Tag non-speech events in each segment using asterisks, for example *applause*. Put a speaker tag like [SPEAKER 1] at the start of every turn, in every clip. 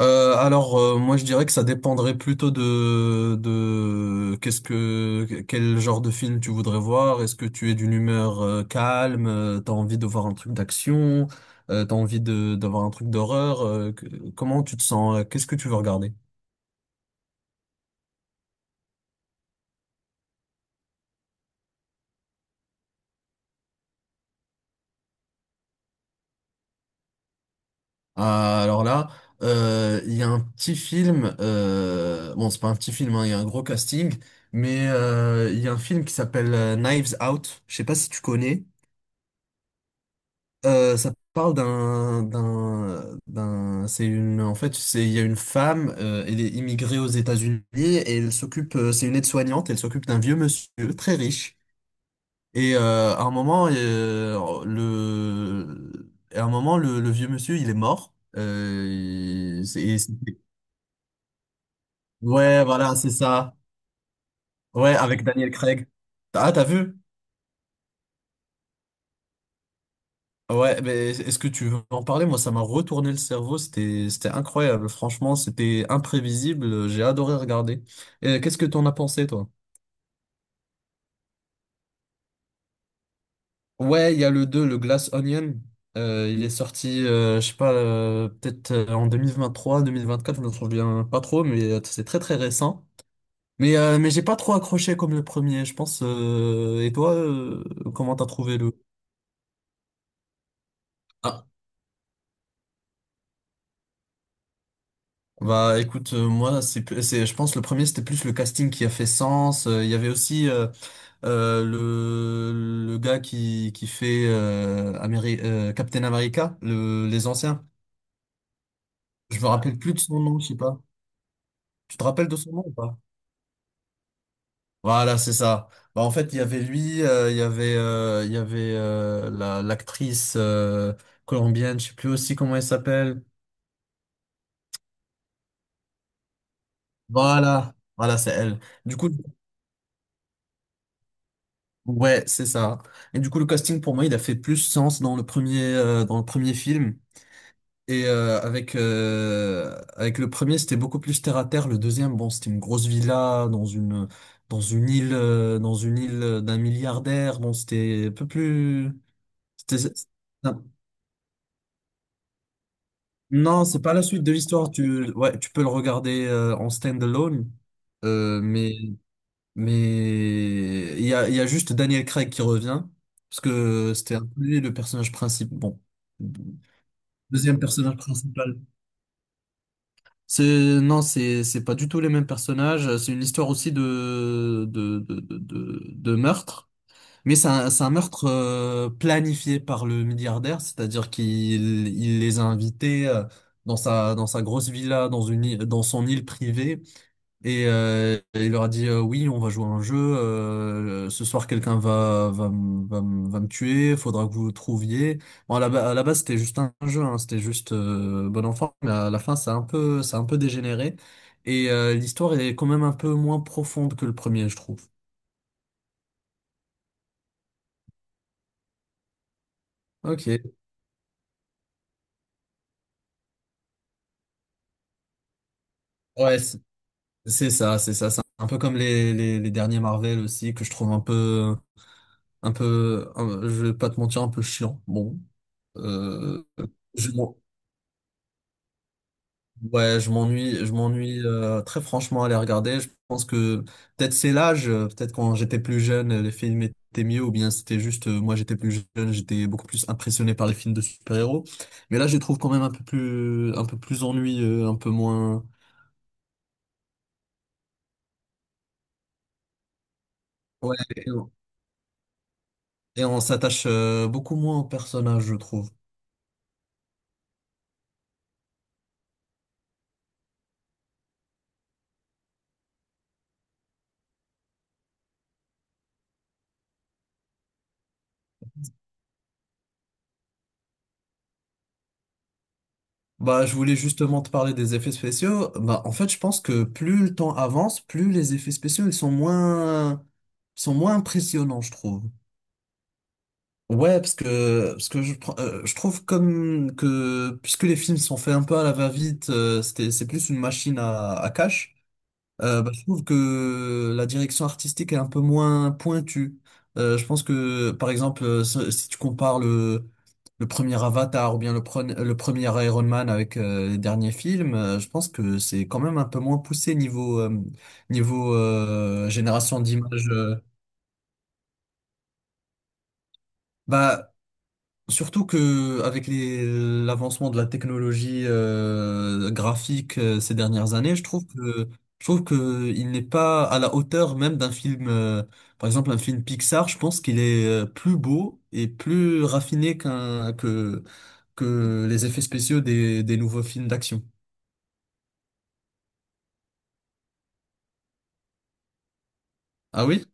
[SPEAKER 1] Moi je dirais que ça dépendrait plutôt de qu'est-ce que quel genre de film tu voudrais voir. Est-ce que tu es d'une humeur calme, t'as envie de voir un truc d'action, t'as envie de d'avoir un truc d'horreur. Comment tu te sens? Qu'est-ce que tu veux regarder? Ah, alors là, il y a un petit film. Bon, c'est pas un petit film, hein, il y a un gros casting, mais il y a un film qui s'appelle Knives Out. Je sais pas si tu connais. Ça parle c'est une, en fait, c'est, il y a une femme, elle est immigrée aux États-Unis et elle s'occupe, c'est une aide-soignante, elle s'occupe d'un vieux monsieur très riche. Et à un moment, à un moment, le vieux monsieur, il est mort. Ouais, voilà, c'est ça. Ouais, avec Daniel Craig. Ah, t'as vu? Ouais, mais est-ce que tu veux en parler? Moi, ça m'a retourné le cerveau. C'était incroyable. Franchement, c'était imprévisible. J'ai adoré regarder. Qu'est-ce que t'en as pensé, toi? Ouais, il y a le 2 le Glass Onion. Il est sorti, je sais pas, peut-être en 2023, 2024, je me souviens pas trop, mais c'est très très récent. Mais j'ai pas trop accroché comme le premier, je pense. Et toi, comment t'as trouvé le... Ah. Bah écoute, moi, c'est, je pense le premier, c'était plus le casting qui a fait sens. Il y avait aussi... Le gars qui fait Captain America, les anciens. Je me rappelle plus de son nom, je sais pas. Tu te rappelles de son nom ou pas? Voilà, c'est ça. Bah, en fait, il y avait lui, il y avait l'actrice colombienne, je sais plus aussi comment elle s'appelle. Voilà, voilà, c'est elle. Du coup, ouais, c'est ça. Et du coup, le casting pour moi, il a fait plus sens dans le premier film. Et avec le premier, c'était beaucoup plus terre à terre. Le deuxième, bon, c'était une grosse villa dans une île d'un milliardaire. Bon, c'était un peu plus. c'était- Non, non, c'est pas la suite de l'histoire. Tu Ouais, tu peux le regarder en stand-alone. Euh, mais mais il y a juste Daniel Craig qui revient parce que c'était un peu lui le personnage principal. Bon, deuxième personnage principal. C'est Non, c'est pas du tout les mêmes personnages. C'est une histoire aussi de meurtre, mais c'est un meurtre planifié par le milliardaire, c'est-à-dire qu'il il les a invités dans sa grosse villa, dans son île privée, et il leur a dit oui, on va jouer à un jeu. Ce soir, quelqu'un va me tuer. Faudra que vous le trouviez. Bon, à la base, c'était juste un jeu. Hein, c'était juste bon enfant. Mais à la fin, ça a un peu dégénéré. Et l'histoire est quand même un peu moins profonde que le premier, je trouve. Ok. Ouais, c'est ça, c'est ça. C'est un peu comme les derniers Marvel aussi que je trouve un peu. Je vais pas te mentir, un peu chiant. Bon. Euh, je, Ouais, je m'ennuie très franchement à les regarder. Je pense que peut-être c'est l'âge, peut-être quand j'étais plus jeune, les films étaient mieux, ou bien c'était juste moi j'étais plus jeune, j'étais beaucoup plus impressionné par les films de super-héros. Mais là, je les trouve quand même un peu plus ennuyeux, un peu moins. Ouais, et on s'attache beaucoup moins aux personnages, je trouve. Bah, je voulais justement te parler des effets spéciaux. Bah, en fait, je pense que plus le temps avance, plus les effets spéciaux ils sont moins impressionnants, je trouve. Ouais, parce que je trouve comme que puisque les films sont faits un peu à la va-vite, c'est plus une machine à cash. Bah, je trouve que la direction artistique est un peu moins pointue. Je pense que par exemple, si tu compares le premier Avatar ou bien le premier Iron Man avec les derniers films, je pense que c'est quand même un peu moins poussé niveau génération d'images. Bah, surtout que avec l'avancement de la technologie graphique ces dernières années, je trouve que il n'est pas à la hauteur même d'un film, par exemple un film Pixar. Je pense qu'il est plus beau et plus raffiné qu'un que les effets spéciaux des nouveaux films d'action. Ah oui?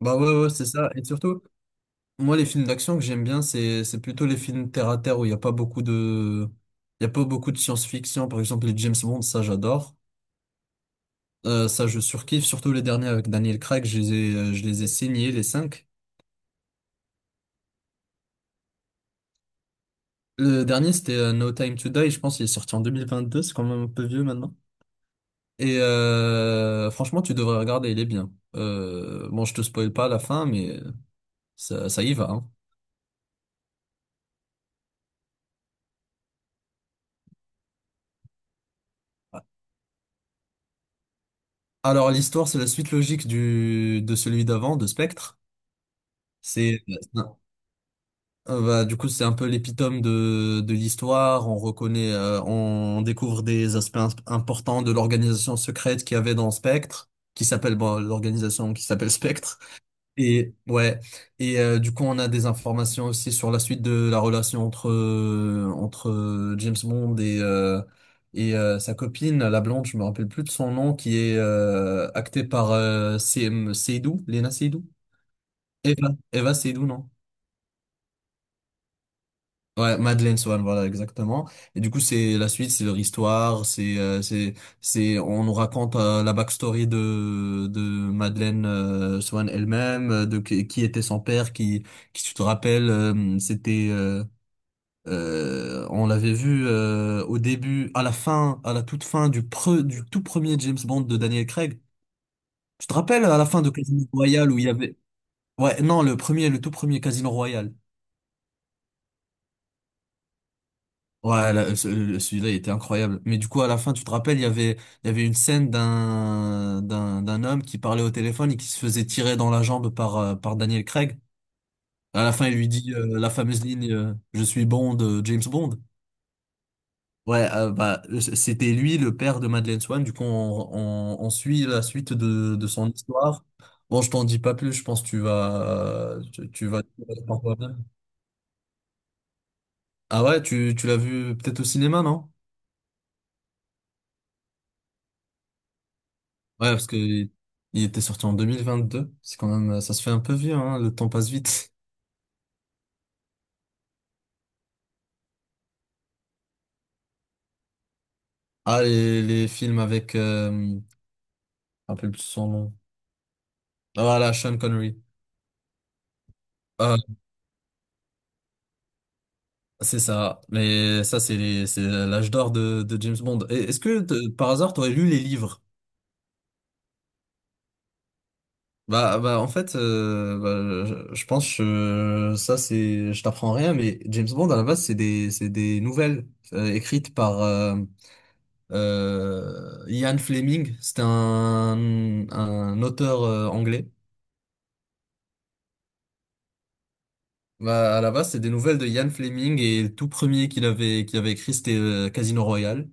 [SPEAKER 1] Bah ouais, ouais, c'est ça. Et surtout, moi les films d'action que j'aime bien, c'est plutôt les films terre à terre où il y a pas beaucoup de science-fiction. Par exemple les James Bond, ça j'adore. Ça, je surkiffe, surtout les derniers avec Daniel Craig, je les ai signés, les cinq. Le dernier, c'était No Time to Die, je pense qu'il est sorti en 2022, c'est quand même un peu vieux maintenant. Et franchement, tu devrais regarder, il est bien. Bon, je te spoil pas la fin, mais ça y va, hein. Alors, l'histoire, c'est la suite logique de celui d'avant, de Spectre. C'est euh, du coup, c'est un peu l'épitome de l'histoire. On découvre des aspects importants de l'organisation secrète qu'il y avait dans Spectre, qui s'appelle, bon, l'organisation qui s'appelle Spectre. Et, ouais. Et, du coup, on a des informations aussi sur la suite de la relation entre James Bond et sa copine, la blonde, je me rappelle plus de son nom, qui est, actée par, C M Seydoux, Lena Seydoux. Eva Seydoux, non? Ouais, Madeleine Swan, voilà, exactement. Et du coup, c'est la suite, c'est leur histoire, on nous raconte la backstory de Madeleine Swan elle-même, de qui était son père, qui tu te rappelles, on l'avait vu au début, à la toute fin du tout premier James Bond de Daniel Craig. Tu te rappelles à la fin de Casino Royale où il y avait, ouais, non, le tout premier Casino Royale. Ouais, là, celui-là, il était incroyable. Mais du coup, à la fin, tu te rappelles, il y avait une scène d'un homme qui parlait au téléphone et qui se faisait tirer dans la jambe par Daniel Craig. À la fin, il lui dit la fameuse ligne Je suis Bond, James Bond. Ouais, bah, c'était lui, le père de Madeleine Swan. Du coup, on suit la suite de son histoire. Bon, je t'en dis pas plus, je pense que tu vas le voir toi-même. Ah ouais, tu l'as vu peut-être au cinéma, non? Ouais, parce que il était sorti en 2022. C'est quand même, ça se fait un peu vieux, hein. Le temps passe vite. *laughs* Ah, les films avec, je me rappelle plus son nom. Ah, voilà, Sean Connery. Ah, c'est ça. Mais ça, c'est l'âge d'or de James Bond. Et est-ce que par hasard, t'aurais lu les livres? Bah, en fait, je pense que je t'apprends rien, mais James Bond à la base, c'est des nouvelles écrites par Ian Fleming, c'était un auteur anglais. Bah, à la base, c'est des nouvelles de Ian Fleming et le tout premier qu'il avait écrit, c'était Casino Royale.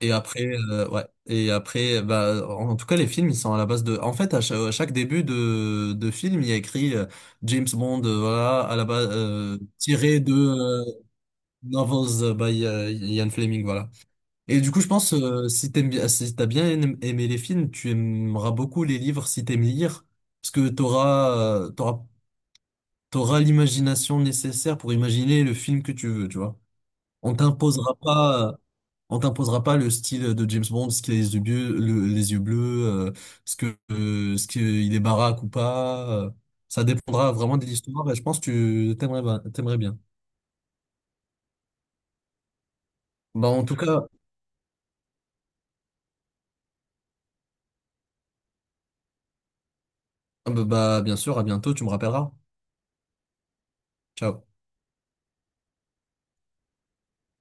[SPEAKER 1] Et après, ouais. Et après, bah, en tout cas, les films, ils sont à la base de. En fait, à chaque, début de film, il y a écrit James Bond, voilà, à la base tiré de novels by Ian Fleming, voilà. Et du coup, je pense, si t'aimes bien, si aimé les films, tu aimeras beaucoup les livres si t'aimes lire, parce que euh, t'auras, t'auras l'imagination nécessaire pour imaginer le film que tu veux, tu vois. On t'imposera pas, euh, on t'imposera pas le style de James Bond, ce qui a les yeux bleus, euh, ce qu'il est baraque ou pas. Ça dépendra vraiment de l'histoire, et je pense que t'aimerais bien. Bah, en tout cas, bien sûr, à bientôt, tu me rappelleras. Ciao.